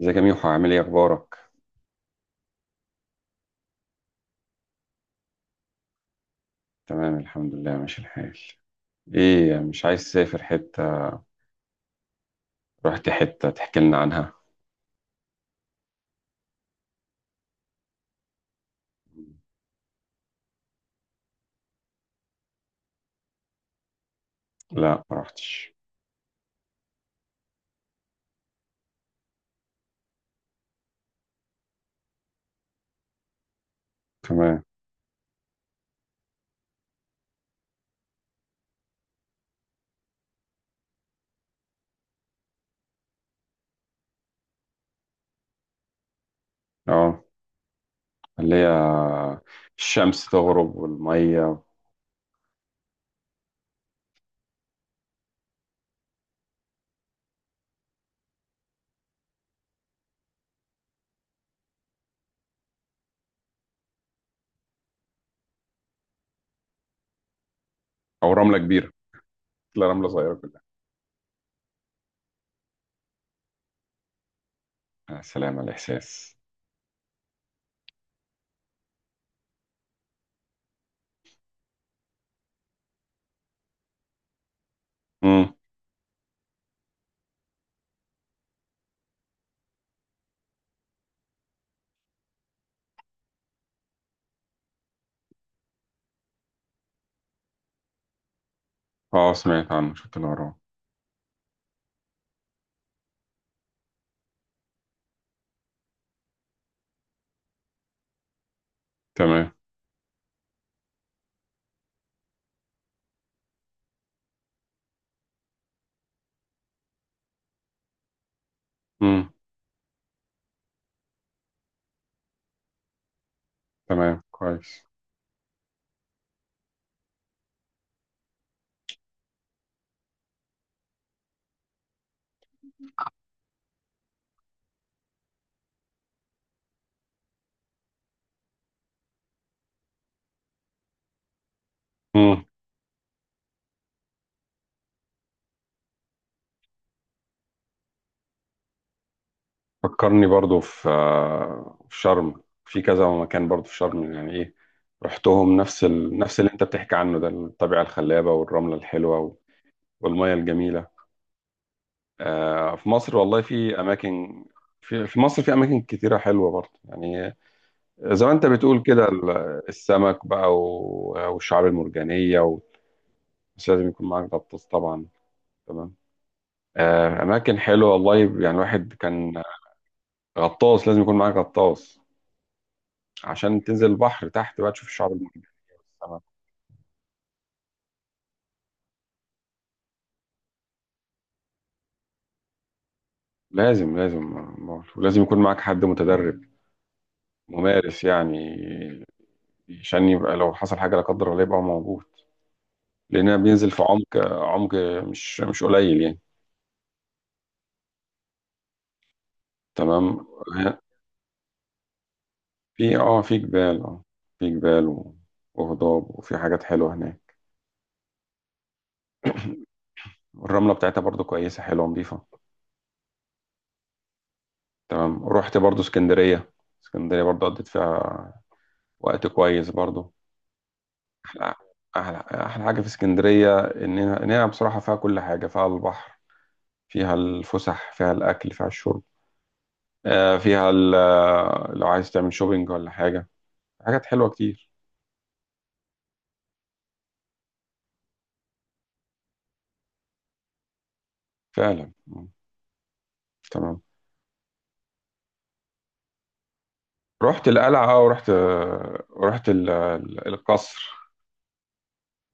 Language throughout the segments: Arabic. ازيك يا ميحو؟ عامل ايه؟ اخبارك؟ تمام الحمد لله ماشي الحال. ايه مش عايز تسافر حتة؟ رحت حتة تحكي لنا عنها؟ لا ما رحتش. تمام. اه، اللي هي الشمس تغرب والمية. او رملة كبيرة؟ لا رملة صغيرة كلها. يا سلام على الاحساس. امم اه سمعت عنه، شفت اللي وراه. تمام. امم تمام كويس. فكرني برضو في في شرم، في كذا مكان برضو في شرم. يعني ايه رحتهم، نفس نفس اللي انت بتحكي عنه ده، الطبيعة الخلابة والرملة الحلوة والمية الجميلة. آه في مصر والله في أماكن. في في مصر في أماكن كتيرة حلوة برضو يعني، زي ما انت بتقول كده السمك بقى والشعاب المرجانية و... بس لازم يكون معاك غطاس طبعا. تمام. آه، أماكن حلوة والله يعني، الواحد كان. غطاس، لازم يكون معاك غطاس عشان تنزل البحر تحت بقى تشوف الشعاب المرجانية والسمك. لازم لازم. بقول، ولازم يكون معاك حد متدرب، ممارس يعني، عشان يبقى لو حصل حاجة لا قدر الله يبقى موجود. لأنها بينزل في عمق، عمق مش قليل يعني. تمام. في اه في جبال اه، في جبال وهضاب، وفي حاجات حلوة هناك. والرملة بتاعتها برضو كويسة حلوة نظيفة. تمام. رحت برضو اسكندرية، اسكندرية برضو قضيت فيها وقت كويس برضو. أحلى أحلى حاجة في اسكندرية إننا بصراحة فيها كل حاجة، فيها البحر، فيها الفسح، فيها الأكل، فيها الشرب، فيها لو عايز تعمل شوبينج ولا حاجة. حاجات حلوة كتير. فعلا. مم. تمام. رحت القلعة أه، ورحت رحت القصر.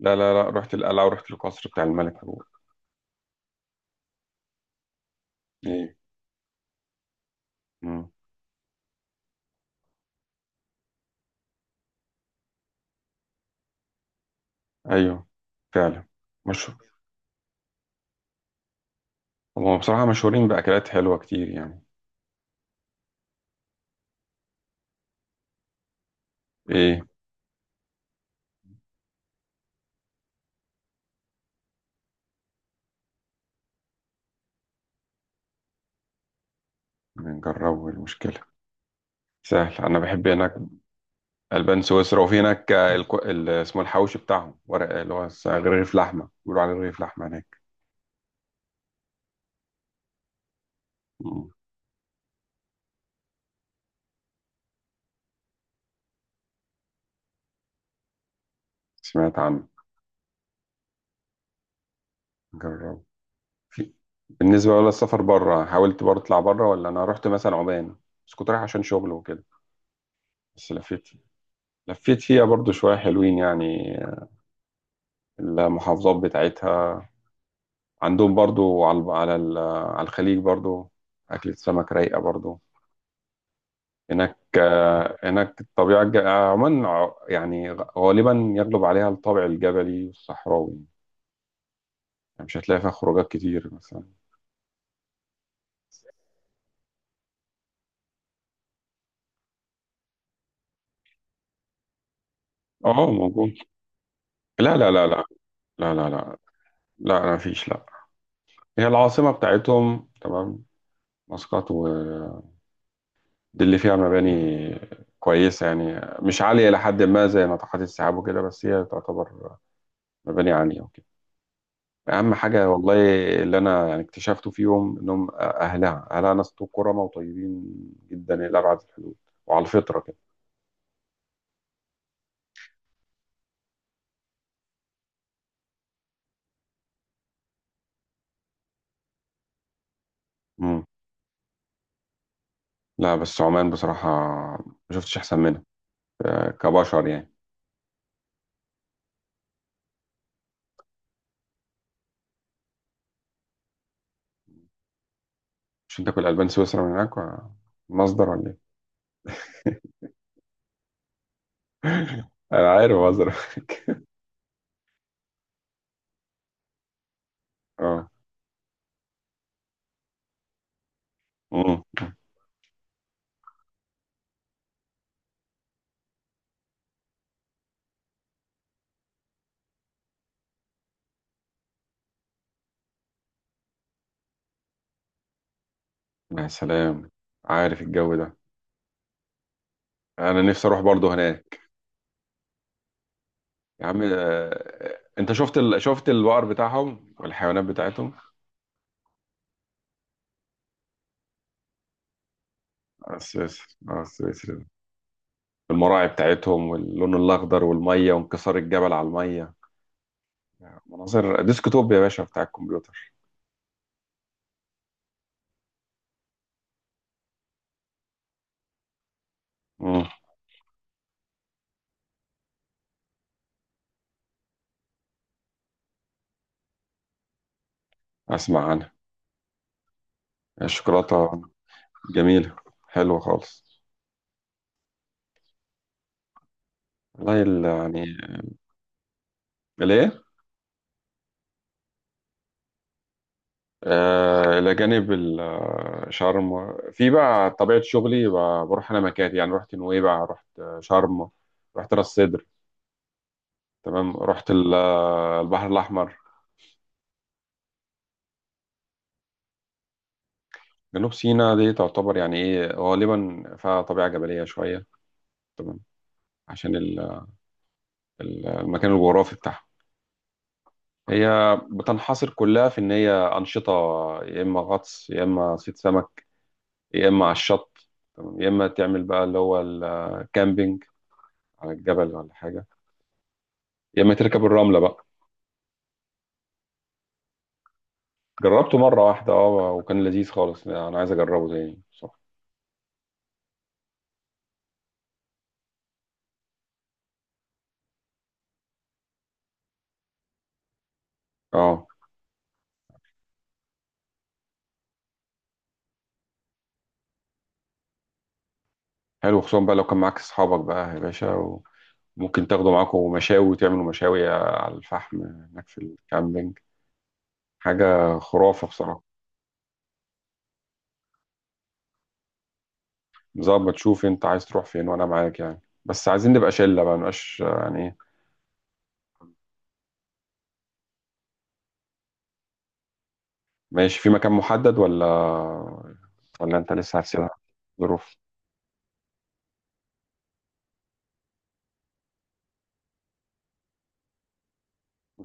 لا لا لا، رحت القلعة ورحت القصر بتاع الملك عبود. إيه؟ مم. أيوه، فعلا مشهور. هم بصراحة مشهورين بأكلات حلوة كتير يعني. إيه؟ نجربوا، المشكلة سهل، أنا بحب هناك. البان سويسرا، وفي هناك اسمه الحواوشي بتاعهم، ورق اللي هو رغيف لحمه، بيقولوا عليه رغيف لحمه هناك. مم. سمعت عنه. جرب. في... بالنسبه بقى للسفر بره، حاولت برضه اطلع بره، ولا انا رحت مثلا عمان، بس كنت رايح عشان شغل وكده. بس لفيت فيها برضه شويه حلوين يعني، المحافظات بتاعتها. عندهم برضه على الب- على ال- على الخليج برضه اكلة سمك رايقه برضه هناك. آه، هناك الطبيعة الج- آه، عموما يعني غالبا يغلب عليها الطابع الجبلي والصحراوي، يعني مش هتلاقي فيها خروجات كتير مثلا. اه موجود. لا لا لا لا، لا لا لا، لا ما فيش لا. هي العاصمة بتاعتهم، تمام، مسقط، ودي اللي فيها مباني كويسة يعني مش عالية إلى حد ما زي ناطحات السحاب وكده، بس هي تعتبر مباني عالية. اهم حاجه والله اللي انا يعني اكتشفته فيهم انهم اهلها ناس كرمى وطيبين جدا الى ابعد الحدود، وعلى الفطره كده. امم لا بس عمان بصراحه ما شفتش احسن منها، آه، كبشر يعني. مش انت كل البان سويسرا من هناك مصدر، ولا ايه؟ انا عارف مصدر. اه. امم يا سلام، عارف الجو ده، انا نفسي اروح برضو هناك. يا عم، انت شفت شفت البقر بتاعهم والحيوانات بتاعتهم. على السويسري. المراعي بتاعتهم واللون الاخضر والميه وانكسار الجبل على الميه، مناظر ديسكتوب يا باشا بتاع الكمبيوتر. امم اسمع عنها. الشوكولاته جميله، حلوه خالص. والله يعني. ليه؟ آه، الى جانب شرم، في بقى طبيعه شغلي بروح انا مكاتب يعني، رحت نويبع، رحت شرم، رحت راس سدر. تمام. رحت البحر الاحمر. جنوب سيناء دي تعتبر يعني ايه، غالبا فيها طبيعه جبليه شويه. تمام. عشان ال، المكان الجغرافي بتاعها، هي بتنحصر كلها في ان هي انشطه، يا اما غطس، يا اما صيد سمك، يا اما على الشط، تمام؟ يا اما تعمل بقى اللي هو الكامبينج على الجبل ولا حاجه، يا اما تركب الرمله بقى. جربته مره واحده اه، وكان لذيذ خالص، انا عايز اجربه تاني، صح. اه. حلو، خصوصا بقى لو كان معاك اصحابك بقى يا باشا، وممكن تاخدوا معاكم مشاوي وتعملوا مشاوي على الفحم هناك في الكامبينج. حاجه خرافه بصراحه. ظبط. شوف انت عايز تروح فين وانا معاك يعني، بس عايزين نبقى شله بقى، مبقاش يعني ايه. ماشي. في مكان محدد، ولا ولا انت لسه هتسيبها ظروف؟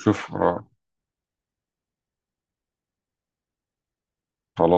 شوف. خلاص.